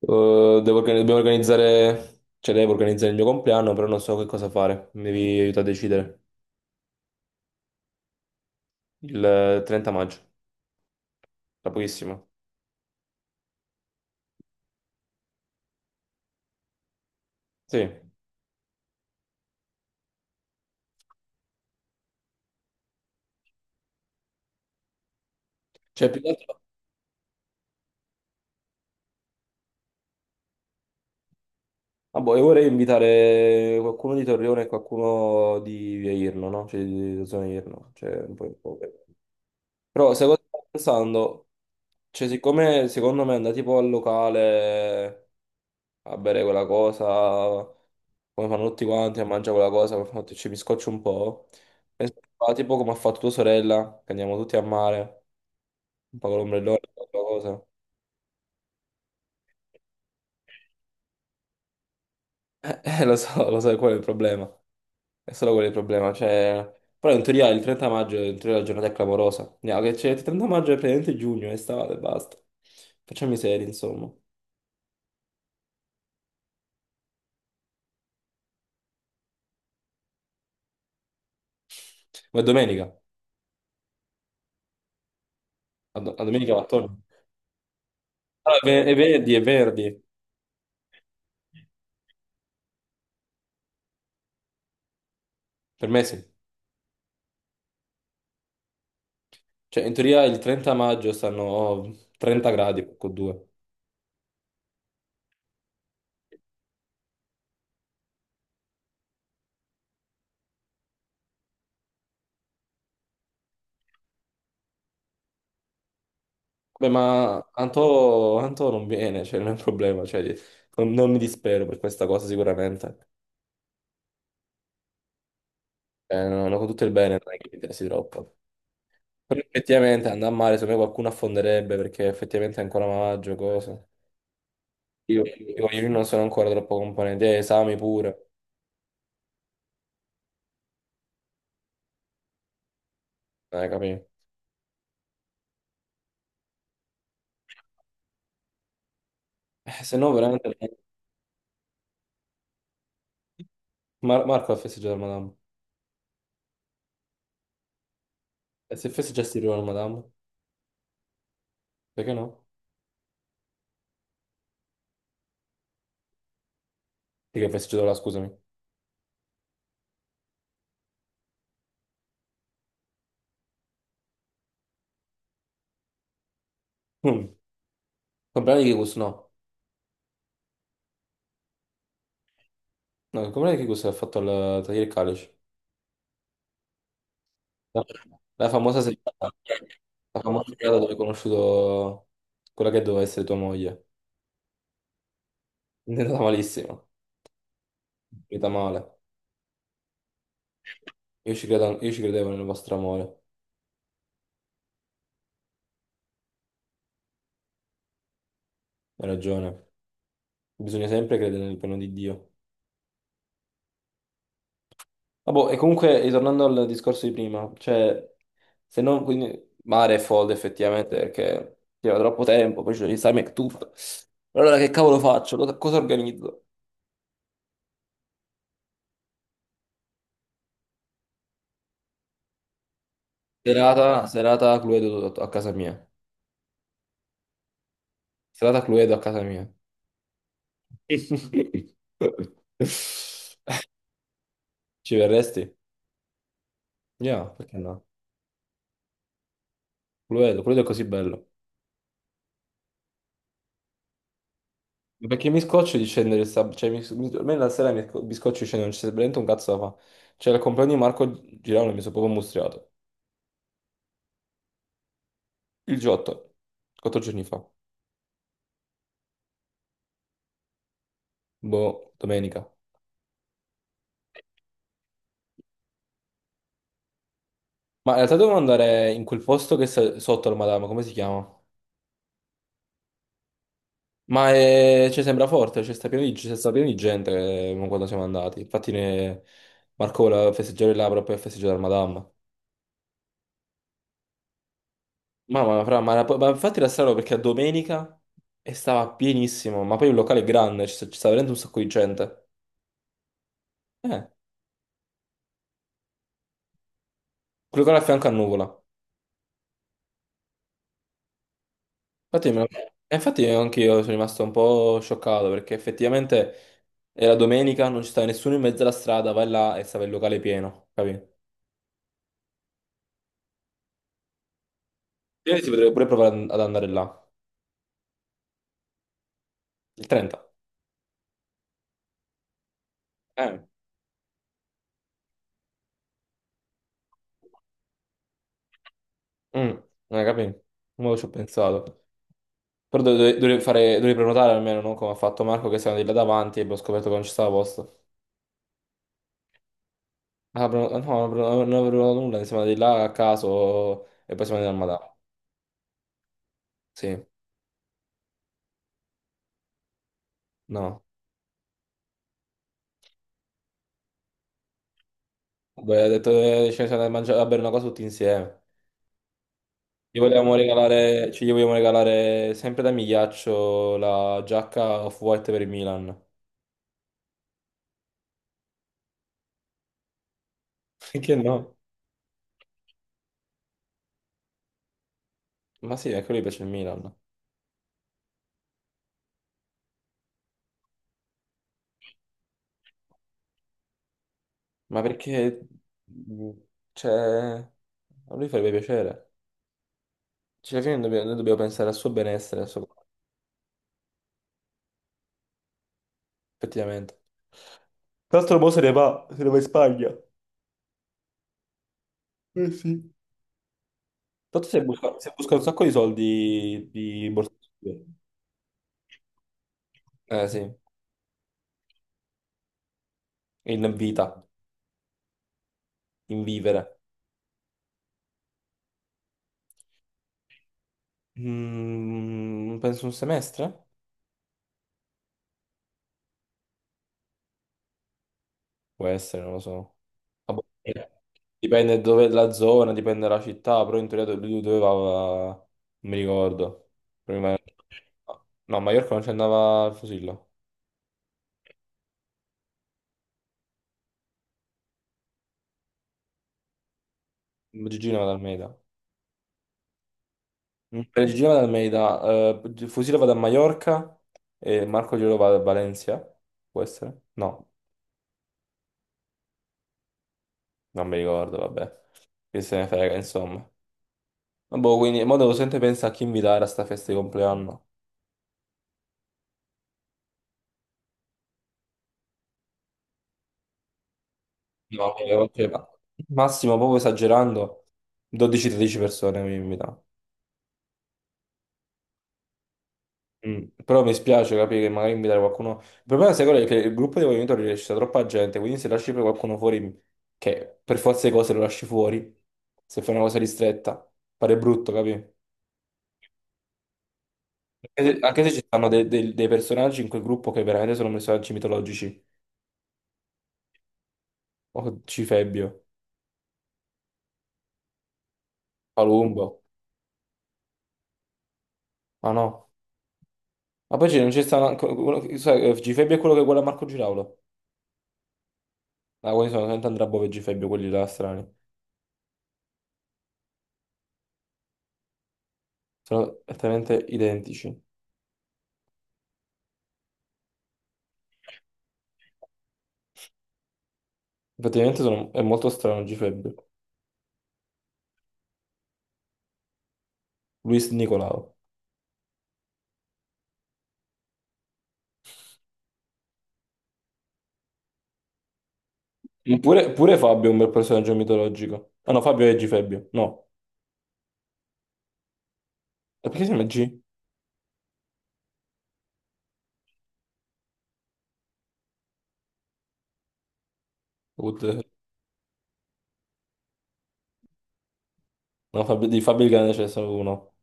Devo dobbiamo organizzare, cioè devo organizzare il mio compleanno, però non so che cosa fare. Mi devi aiutare a decidere. Il 30 maggio, tra pochissimo. Sì. Cioè, più che altro... Ah, boh, io vorrei invitare qualcuno di Torrione e qualcuno di Via Irno, no? Cioè, di zona Irno. Cioè, un po'... un po'. Però, secondo stavo pensando, cioè, siccome secondo me andare tipo al locale a bere quella cosa... come fanno tutti quanti a mangiare quella cosa, poi fanno, "Ti- ci mi scoccio un po'. E si fa tipo come ha fatto tua sorella, che andiamo tutti a mare, un po' con l'ombrellone, quella cosa. Lo so, quello è il problema. È solo quello il problema. Cioè... Però in teoria il 30 maggio è in teoria la giornata è clamorosa. No, che c'è il 30 maggio è praticamente giugno, è estate, basta. Facciamo i seri, insomma. Ma è domenica. A domenica va attorno. Ah, è venerdì, è venerdì. Per me sì. Cioè, in teoria il 30 maggio stanno 30 gradi, con due. Beh, ma Anto non viene, cioè non è un problema, cioè, non mi dispero per questa cosa sicuramente. Non ho tutto il bene, non è che mi interessi troppo. Però effettivamente andare a mare, secondo me qualcuno affonderebbe perché effettivamente è ancora maggio, cose. Io non sono ancora troppo componente, esami pure, capito? Se no veramente... Marco ha festeggiato la Madame. E se festeggiassi prima la Madame? Perché no? Perché ha festeggiato la, scusami. Mm. Comprare di Kikus, no. No, comprare di Kikus ha fatto il tagliare il calice. No, La famosa serata, la famosa serata dove hai conosciuto quella che doveva essere tua moglie. È andata malissimo, è finita male. Io ci credevo nel vostro amore, hai ragione. Bisogna sempre credere nel piano di Dio. Vabbè, e comunque, ritornando al discorso di prima, cioè, se non, quindi, mare è folle effettivamente perché c'era troppo tempo, poi c'è l'esame e tutto. Allora che cavolo faccio? Cosa organizzo? Serata, serata Cluedo a casa mia. Serata Cluedo a casa mia. Ci verresti? Yeah, perché no? Lo vedo, quello è così bello. Perché mi scoccio di scendere, sta- cioè, a me la sera mi scoccio di scendere, non c'è veramente un cazzo da fare. Cioè, al compleanno di Marco Girano mi sono proprio mostriato. Il G8, quattro giorni fa, boh, domenica. Ma in realtà dovevo andare in quel posto che sta sotto al Madama, come si chiama? Ma è, cioè, sembra forte, c'è sta pieno di gente quando siamo andati. Marco voleva festeggiare là proprio per festeggiare al Madama. Mamma, fra, ma infatti era strano perché a domenica e stava pienissimo, ma poi il locale è grande, ci sta veramente un sacco di gente. Eh, quel locale a fianco a Nuvola. Infatti, me lo- e infatti anche io sono rimasto un po' scioccato perché effettivamente era domenica, non ci stava nessuno in mezzo alla strada, vai là e stava il locale pieno, capito? Io si potrebbe pure provare ad andare là, il 30. Eh, mm, capito? Mo ci ho pensato. Però dovrei prenotare almeno, non come ha fatto Marco che stava di là davanti e abbiamo scoperto che non ci stava posto. Ah, però- no, però non avevo nulla, insomma, di là a caso e poi siamo andati al Madama. Sì, no. Beh, ha detto che ci siamo andati a mangiare, a bere una cosa tutti insieme. Gli vogliamo regalare sempre da Migliaccio la giacca off-white per il Milan. Perché no? Ma sì, anche a lui piace il Milan. Ma perché... mh, Cioè... A lui farebbe piacere. Cioè, noi dobbiamo pensare al suo benessere, al suo... effettivamente. Tra l'altro, mo se ne va, se ne va in Spagna. Eh sì. Tanto se busca un sacco di soldi di borsa. Eh sì, in vita, in vivere. Mm, penso un semestre? Può essere, non lo so. Ah, boh. Dipende dove la zona, dipende dalla città, però in teoria lui doveva... Non mi ricordo. Prima... No, a Maiorca non ci andava il Fusillo. Gigino va da Almeida. Mm, per Gigino va da Almeida, Fusillo va da Maiorca e Marco Glielo va da Valencia. Può essere? No. Non mi ricordo, vabbè. Che se ne frega, insomma. Ma boh, quindi, mo devo sempre pensare a chi invitare a sta festa di compleanno. No, massimo, proprio esagerando, 12-13 persone mi invitano. Mm. Però mi spiace capire che magari invitare qualcuno. Il problema, sai qual è? Che il gruppo dei movimenti riesce a troppa gente, quindi se lasci poi qualcuno fuori, che per forza di cose lo lasci fuori, se fai una cosa ristretta, pare brutto, capì? Anche se ci stanno dei personaggi in quel gruppo che veramente sono personaggi mitologici, o Cifebbio. Palumbo. Ah no. Ma non c'è stato anche uno, che- sai, Gfebbio è quello che guarda Marco Giraulo. Ah, quelli sono veramente Andrea Bove e Gfebbio, quelli là strani. Sono esattamente identici. Praticamente sono, è molto strano Gfebbio. Luis Nicolao. Ma pure, pure Fabio è un bel personaggio mitologico. Ah no, Fabio è Gfebbio. No. E perché si chiama G? What the- No, Fabio, di Fabio il Grande c'è solo uno.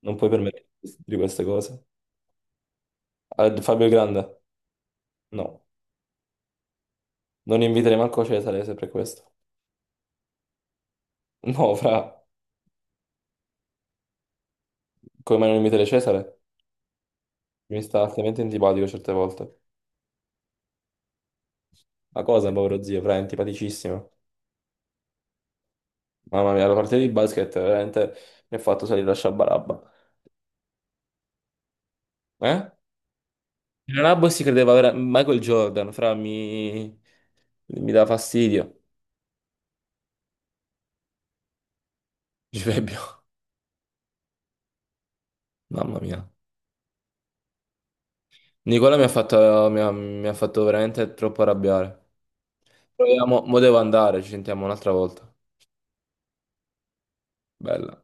Non puoi permetterti di queste cose. Ah, di Fabio il Grande? No. Non inviterei manco Cesare se per questo. No, fra. Come mai non inviterei Cesare? Mi sta altamente antipatico certe volte. Ma cosa, povero zio, fra, è antipaticissimo. Mamma mia, la partita di basket veramente mi ha fatto salire la sciabarabba. Eh? Il Nabbo si credeva vera- Michael Jordan, fra, mi dà fastidio. Givebbio, mamma mia. Nicola mi ha fatto, mi ha fatto veramente troppo arrabbiare. Proviamo, mo devo andare, ci sentiamo un'altra volta. Bella.